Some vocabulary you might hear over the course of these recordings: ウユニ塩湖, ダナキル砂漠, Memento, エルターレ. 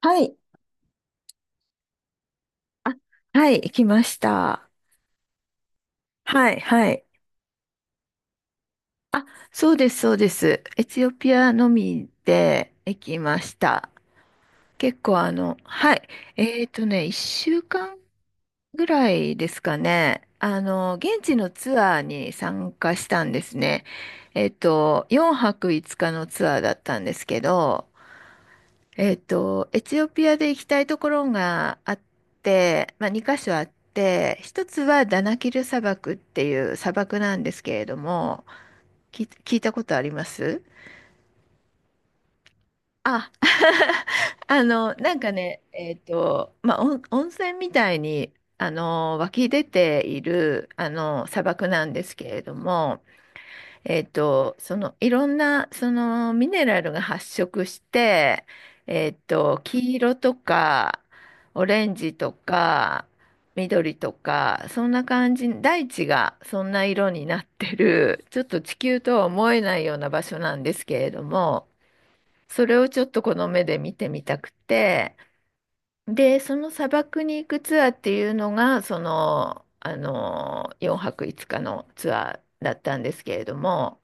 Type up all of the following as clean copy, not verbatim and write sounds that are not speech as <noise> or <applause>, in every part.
はい、はい、行きました。はい、はい。そうです、そうです。エチオピアのみで行きました。結構あの、はい。1週間ぐらいですかね。現地のツアーに参加したんですね。4泊5日のツアーだったんですけど、エチオピアで行きたいところがあって、まあ、2箇所あって、一つはダナキル砂漠っていう砂漠なんですけれども、聞いたことあります？あ、<laughs> なんかね、まあ、温泉みたいに、湧き出ている、砂漠なんですけれども、そのいろんなそのミネラルが発色して、黄色とかオレンジとか緑とかそんな感じ、大地がそんな色になってる、ちょっと地球とは思えないような場所なんですけれども、それをちょっとこの目で見てみたくて、でその砂漠に行くツアーっていうのがその、4泊5日のツアーだったんですけれども。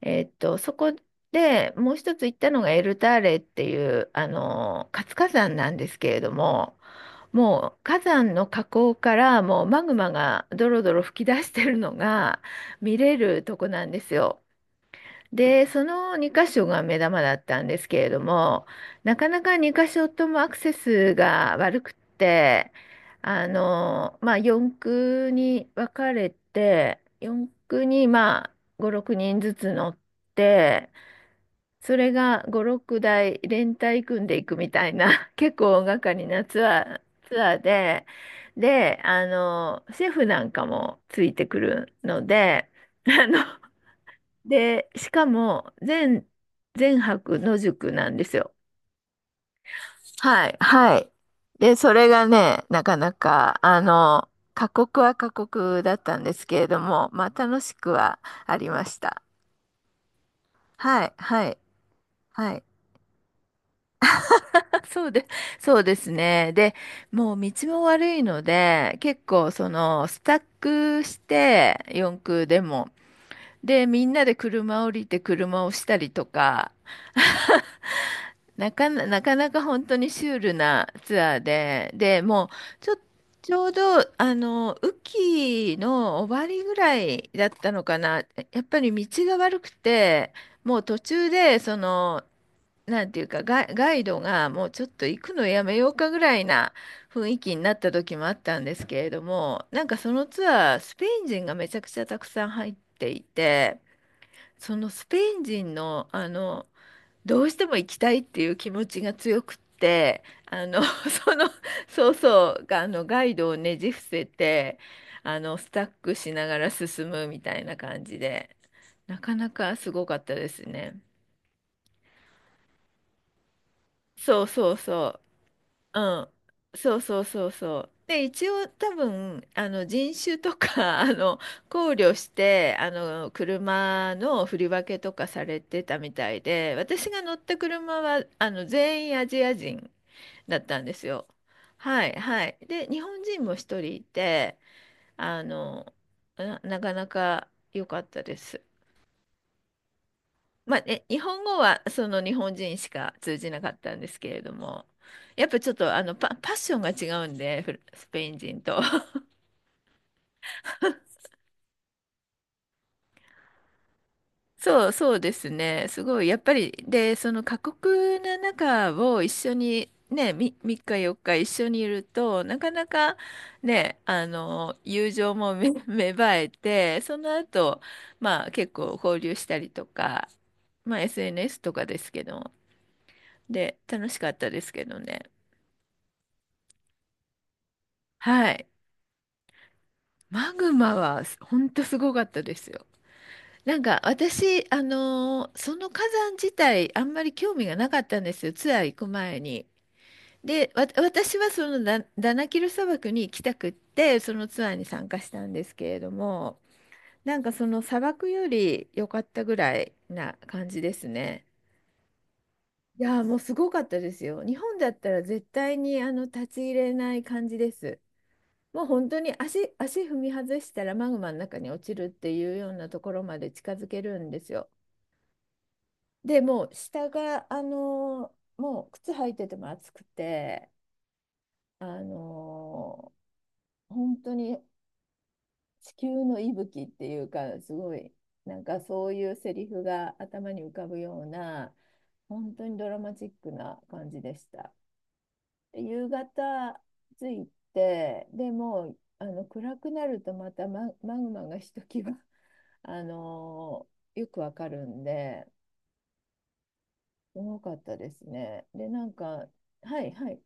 そこでもう一つ行ったのがエルターレっていう、活火山なんですけれども、もう火山の火口からもうマグマがドロドロ噴き出してるのが見れるとこなんですよ。で、その2箇所が目玉だったんですけれども、なかなか2箇所ともアクセスが悪くって、まあ、4区に分かれて、4区にまあ5、6人ずつ乗って、それが5、6台連帯組んでいくみたいな、<laughs> 結構大掛かりなツアーで、で、シェフなんかもついてくるので、あので、しかも、全泊野宿なんですよ。はい、はい。で、それがね、なかなか、過酷は過酷だったんですけれども、まあ、楽しくはありました。はい、はい、はい。<laughs> あそうで、そうですね。で、もう道も悪いので、結構、スタックして、四駆でも、で、みんなで車降りて車をしたりとか、なかなか本当にシュールなツアーで、で、もう、ちょ、ちょうど、雨季の終わりぐらいだったのかな。やっぱり道が悪くて、もう途中で、なんていうか、ガイドがもうちょっと行くのやめようかぐらいな雰囲気になった時もあったんですけれども、なんかそのツアー、スペイン人がめちゃくちゃたくさん入っていて、そのスペイン人の、どうしても行きたいっていう気持ちが強くって、<laughs>、そうそう、ガイドをねじ伏せて、スタックしながら進むみたいな感じで、なかなかすごかったですね。そうそうそう。うん。そうそうそうそう。で、一応多分、人種とか、<laughs> 考慮して、車の振り分けとかされてたみたいで、私が乗った車は、全員アジア人だったんですよ。はいはい。で、日本人も一人いて、あの、なかなか良かったです。まあ、日本語はその日本人しか通じなかったんですけれども、やっぱちょっとパッションが違うんで、フルスペイン人と。<laughs> そう、そうですね。すごい、やっぱり、で、その過酷な中を一緒に、ね、3日4日一緒にいると、なかなかね、友情も<laughs> 芽生えて、その後、まあ結構交流したりとか、まあ SNS とかですけど、で、楽しかったですけどね。はい。マグマはほんとすごかったですよ。なんか私、その火山自体あんまり興味がなかったんですよ、ツアー行く前に。で、私はそのダナキル砂漠に行きたくって、そのツアーに参加したんですけれども、なんかその砂漠より良かったぐらいな感じですね。いやー、もうすごかったですよ。日本だったら絶対にあの立ち入れない感じです。もう本当に足踏み外したらマグマの中に落ちるっていうようなところまで近づけるんですよ。でもう下が、もう靴履いてても暑くて、あの本当に地球の息吹っていうか、すごい、なんかそういうセリフが頭に浮かぶような、本当にドラマチックな感じでした。で夕方着いて、でもう暗くなるとまたマグマがひときわ、<laughs> あのよくわかるんで、多かったですね。で、なんか、はいはい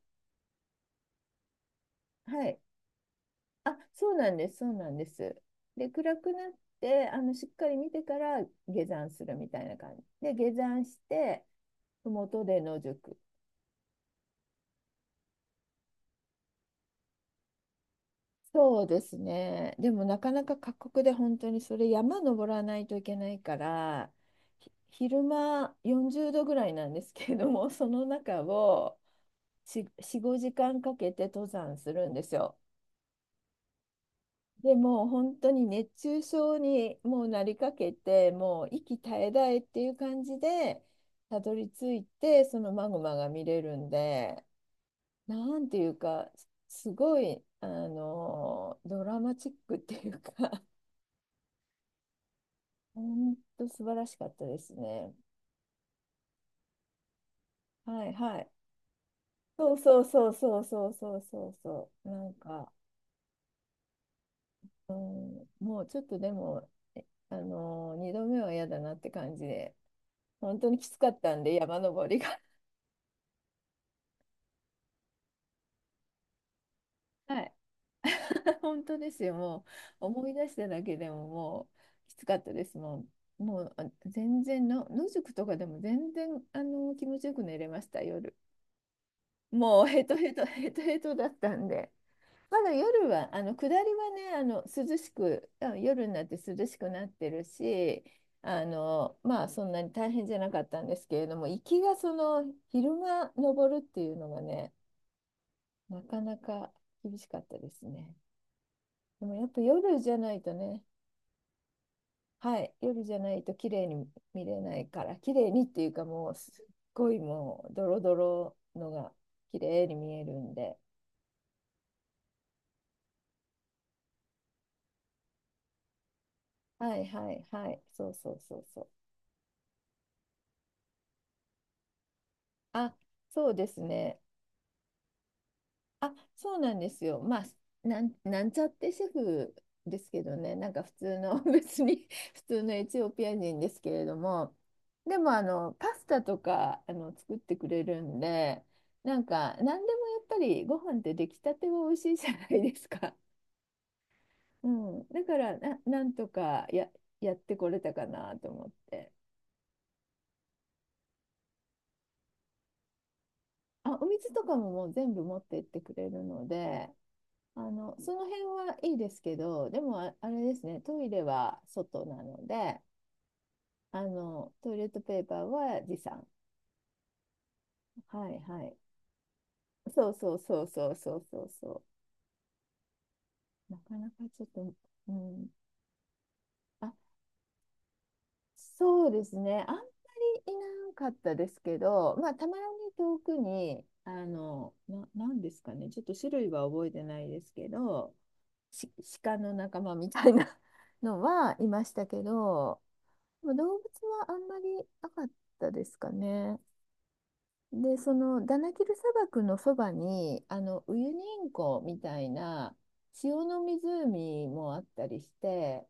はい。あ、そうなんです、そうなんです。で、暗くなって、しっかり見てから下山するみたいな感じ。で、下山して、麓で野宿。そうですね。でもなかなか過酷で本当にそれ山登らないといけないから、昼間40度ぐらいなんですけれども、その中を4、5時間かけて登山するんですよ。でもう本当に熱中症にもうなりかけて、もう息絶え絶えっていう感じで、たどり着いて、そのマグマが見れるんで、なんていうか、すごい、ドラマチックっていうか本当素晴らしかったですね。はいはい。そうそうそうそうそうそうそうそう。なんか、うん、もうちょっとでも、えあのー、2度目は嫌だなって感じで、本当にきつかったんで、山登りが。<laughs> はい。<laughs> 本当ですよ、もう思い出しただけでももうきつかったです。もう全然の、野宿とかでも全然気持ちよく寝れました、夜。もうヘトヘト、ヘトヘトだったんで。まだ夜は、下りはね、涼しく、夜になって涼しくなってるし、まあそんなに大変じゃなかったんですけれども、行きがその昼間登るっていうのがね、なかなか厳しかったですね。でもやっぱ夜じゃないとね、はい、夜じゃないと綺麗に見れないから、綺麗にっていうかもうすっごいもうドロドロのが綺麗に見えるんで、はいはいはい、そうそうそうそう。あ、そうですね。あ、そうなんですよ。まあ、なんちゃってシェフですけどね、なんか普通の、<laughs> 別に普通のエチオピア人ですけれども、でもパスタとか作ってくれるんで、なんか、何でもやっぱりご飯って出来たては美味しいじゃないですか。<laughs> うん、だからな、なんとかやってこれたかなと思って。あ、お水とかももう全部持ってってくれるので、その辺はいいですけど、でもあれですね、トイレは外なので、トイレットペーパーは持参。はいはい。そうそうそうそうそうそうそう。なかなかちょっと、うん。あ、そうですね。あんまりいなかったですけど、まあ、たまに遠くに、なんですかね、ちょっと種類は覚えてないですけど、し、鹿の仲間みたいな <laughs> のはいましたけど、動物はあんまりなかったですかね。で、そのダナキル砂漠のそばに、ウユニ塩湖みたいな塩の湖もあったりして、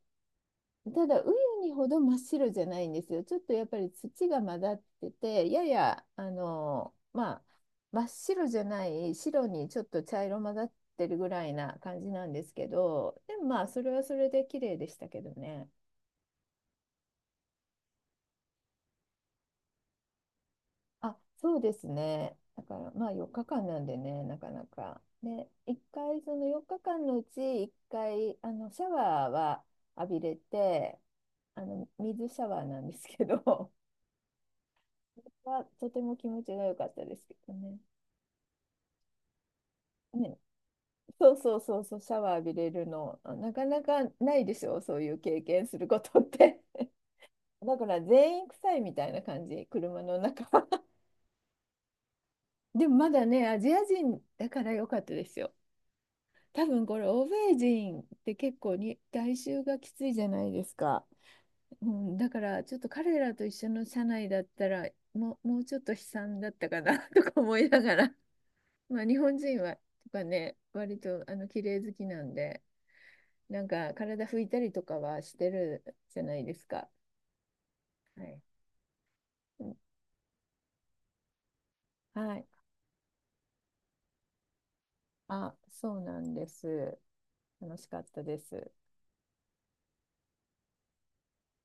ただウユニほど真っ白じゃないんですよ。ちょっとやっぱり土が混ざってて、ややまあ、真っ白じゃない白にちょっと茶色混ざってるぐらいな感じなんですけど、でもまあそれはそれで綺麗でしたけどね。あ、そうですね。だから、まあ4日間なんでね、なかなか。で、1回、その4日間のうち1回、シャワーは浴びれて、水シャワーなんですけど、<laughs> はとても気持ちが良かったですけどね。ね、そうそうそうそう、シャワー浴びれるの、なかなかないでしょう、そういう経験することって。<laughs> だから全員臭いみたいな感じ、車の中。<laughs> でもまだね、アジア人だから良かったですよ。多分これ欧米人って結構に外周がきついじゃないですか。うん、だからちょっと彼らと一緒の社内だったらもうちょっと悲惨だったかな <laughs> とか思いながら、<laughs> まあ、日本人はとかね割と綺麗好きなんでなんか体拭いたりとかはしてるじゃないですか。はい、うんはい、あ、そうなんです。楽しかったです。